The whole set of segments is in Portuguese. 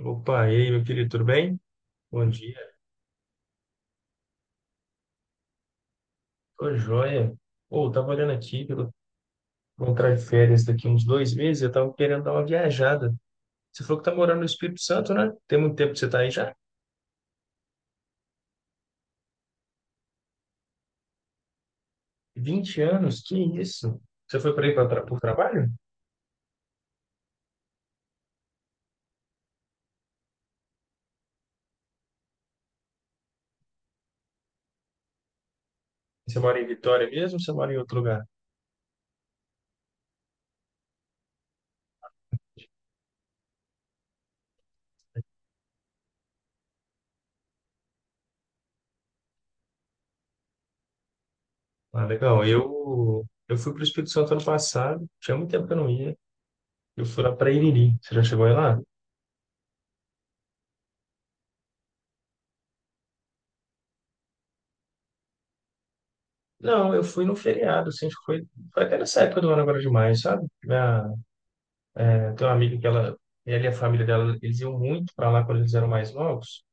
Opa, e aí, meu querido, tudo bem? Bom dia. Tô joia. Pô, eu tava olhando aqui, que eu vou entrar de férias daqui uns 2 meses, eu tava querendo dar uma viajada. Você falou que tá morando no Espírito Santo, né? Tem muito tempo que você tá aí já? 20 anos? Que isso? Você foi para aí pra tra por trabalho? Você mora em Vitória mesmo ou você mora em outro lugar? Ah, legal. Eu fui para o Espírito Santo ano passado, tinha muito tempo que eu não ia. Eu fui lá para Iriri. Você já chegou aí lá? Não, eu fui no feriado, assim, acho que foi até nessa época do ano agora demais, sabe? Tem tenho uma amiga ela e a família dela, eles iam muito para lá quando eles eram mais novos.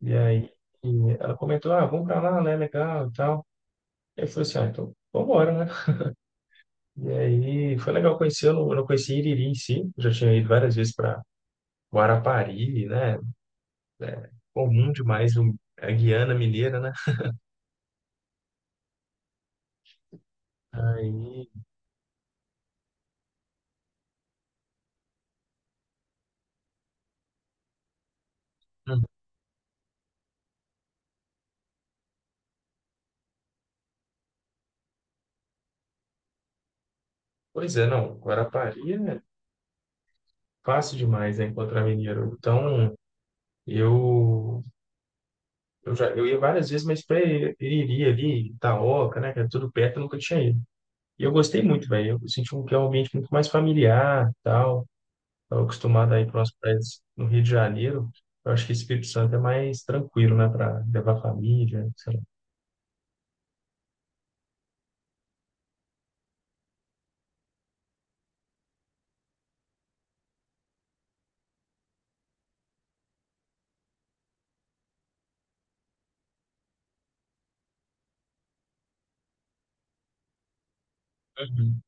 E aí e ela comentou, ah, vamos para lá, né? Legal e tal. Eu falei assim, ah, então vambora, né? E aí foi legal conhecer, eu não conheci Iriri em si, eu já tinha ido várias vezes para Guarapari, né? É comum demais a Guiana Mineira, né? Aí, hum, pois é, não, Guarapari é fácil demais, né, encontrar mineiro. Então, eu eu já, eu ia várias vezes, mas pra Iriri ali, Itaoca, né, que era tudo perto, eu nunca tinha ido. E eu gostei muito, velho. Eu senti um, que é um ambiente muito mais familiar, tal. Estava acostumado a ir para umas praias no Rio de Janeiro. Eu acho que Espírito Santo é mais tranquilo, né, para levar família, sei lá. Uhum.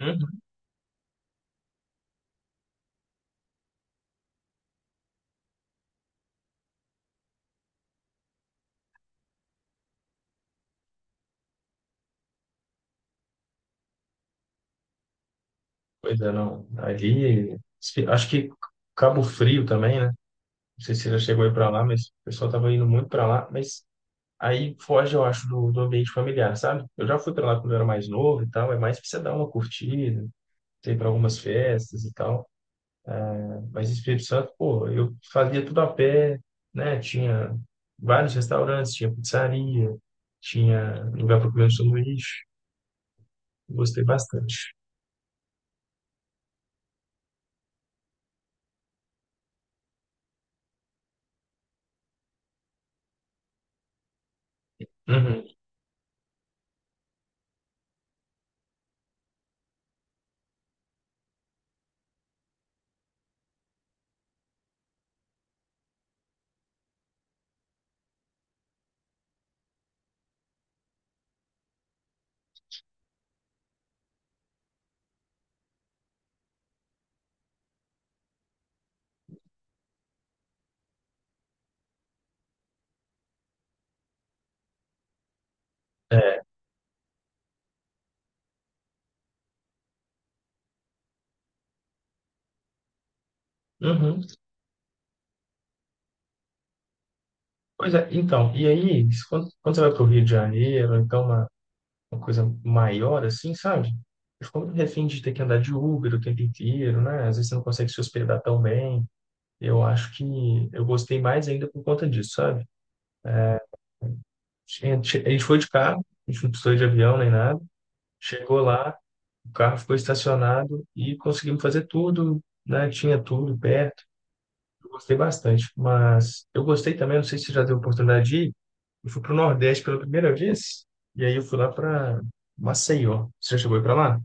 Uhum. Pois é, não. Ali, acho que Cabo Frio também, né? Não sei se você já chegou aí para lá, mas o pessoal tava indo muito para lá. Mas aí foge, eu acho, do ambiente familiar, sabe? Eu já fui para lá quando eu era mais novo e tal, é mais para você dar uma curtida, você ir para algumas festas e tal. Mas Espírito Santo, pô, eu fazia tudo a pé, né? Tinha vários restaurantes, tinha pizzaria, tinha lugar para comer um sanduíche. Gostei bastante. Uhum. É. Uhum. Pois é, então, e aí, quando você vai para o Rio de Janeiro, ou então uma coisa maior, assim, sabe? Eu fico muito refém de ter que andar de Uber o tempo inteiro, né? Às vezes você não consegue se hospedar tão bem. Eu acho que eu gostei mais ainda por conta disso, sabe? A gente foi de carro, a gente não precisou ir de avião nem nada. Chegou lá, o carro ficou estacionado e conseguimos fazer tudo, né? Tinha tudo perto. Eu gostei bastante. Mas eu gostei também, não sei se você já teve oportunidade de ir. Eu fui para o Nordeste pela primeira vez e aí eu fui lá para Maceió. Você já chegou aí para lá?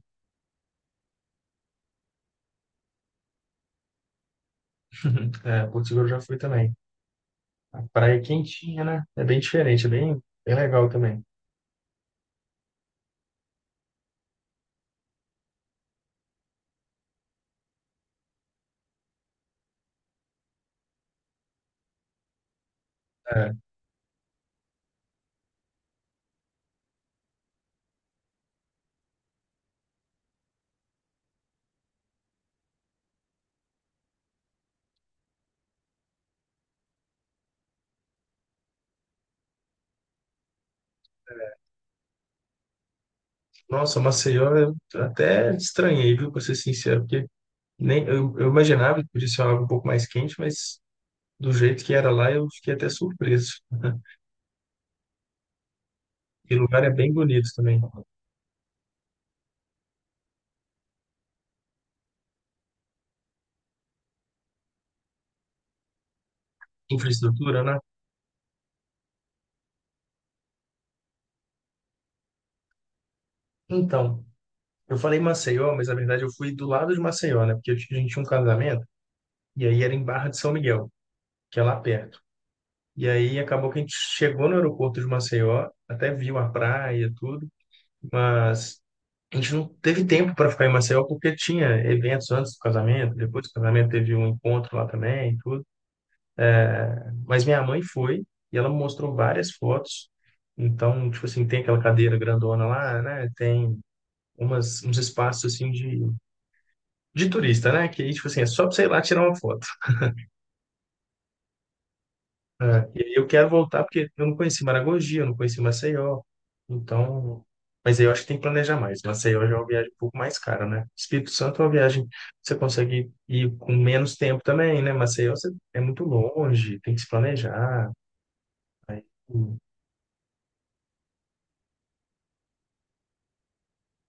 É, Porto Seguro eu já fui também. A praia é quentinha, né? É bem diferente, é bem, bem legal também. É. Nossa, Maceió eu até estranhei, viu, pra ser sincero, porque nem, eu imaginava que podia ser algo um pouco mais quente, mas do jeito que era lá eu fiquei até surpreso. E o lugar é bem bonito também. Infraestrutura, né? Então, eu falei Maceió, mas na verdade eu fui do lado de Maceió, né? Porque a gente tinha um casamento e aí era em Barra de São Miguel, que é lá perto. E aí acabou que a gente chegou no aeroporto de Maceió, até viu a praia e tudo, mas a gente não teve tempo para ficar em Maceió porque tinha eventos antes do casamento, depois do casamento teve um encontro lá também e tudo. Mas minha mãe foi e ela me mostrou várias fotos. Então, tipo assim, tem aquela cadeira grandona lá, né? Tem uns espaços assim de turista, né? Que, tipo assim, é só pra você ir lá tirar uma foto. É, e aí eu quero voltar porque eu não conheci Maragogi, eu não conheci Maceió. Então, mas aí eu acho que tem que planejar mais. Maceió já é uma viagem um pouco mais cara, né? Espírito Santo é uma viagem que você consegue ir com menos tempo também, né? Maceió é muito longe, tem que se planejar. Aí,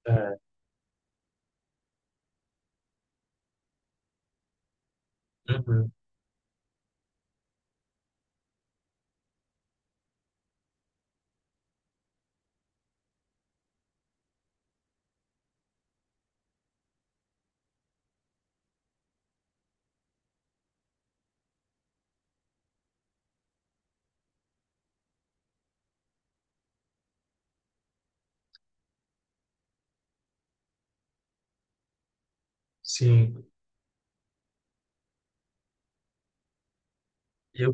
é, uhum, sim. E eu,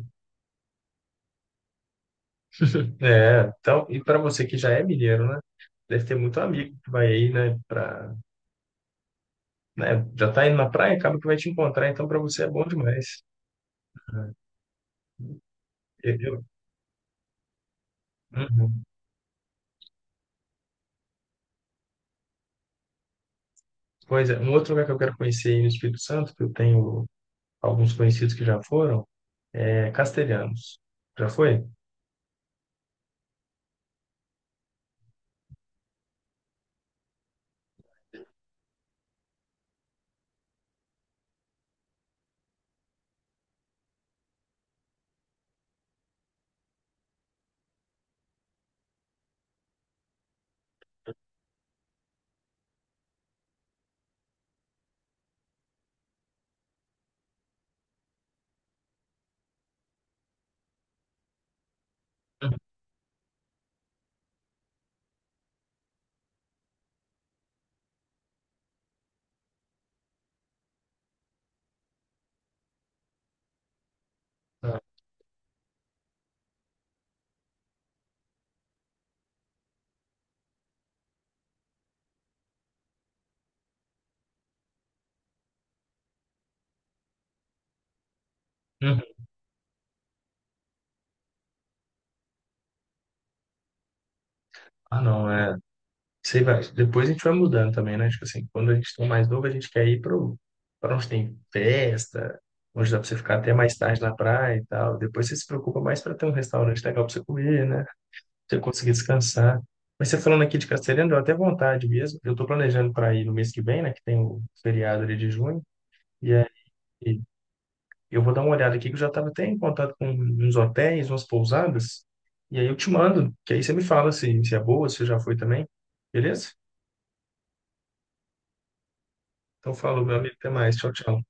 é, então, e para você que já é mineiro, né? Deve ter muito amigo que vai aí, né, já tá indo na praia, acaba que vai te encontrar, então para você é bom demais. Eu, eu- uhum. Pois é, um outro lugar que eu quero conhecer aí no Espírito Santo, que eu tenho alguns conhecidos que já foram, é Castelhanos. Já foi? Uhum. Não. Uhum. Ah, não, é. Sei, vai. Depois a gente vai mudando também, né? Tipo assim, quando a gente tá mais novo, a gente quer ir pra onde tem festa, onde dá pra você ficar até mais tarde na praia e tal. Depois você se preocupa mais pra ter um restaurante legal pra você comer, né? Pra você conseguir descansar. Mas você falando aqui de Castelhanos, deu até vontade mesmo. Eu tô planejando pra ir no mês que vem, né? Que tem o feriado ali de junho. E aí eu vou dar uma olhada aqui, que eu já estava até em contato com uns hotéis, umas pousadas, e aí eu te mando, que aí você me fala se é boa, se você já foi também, beleza? Então, falou, meu amigo, até mais. Tchau, tchau.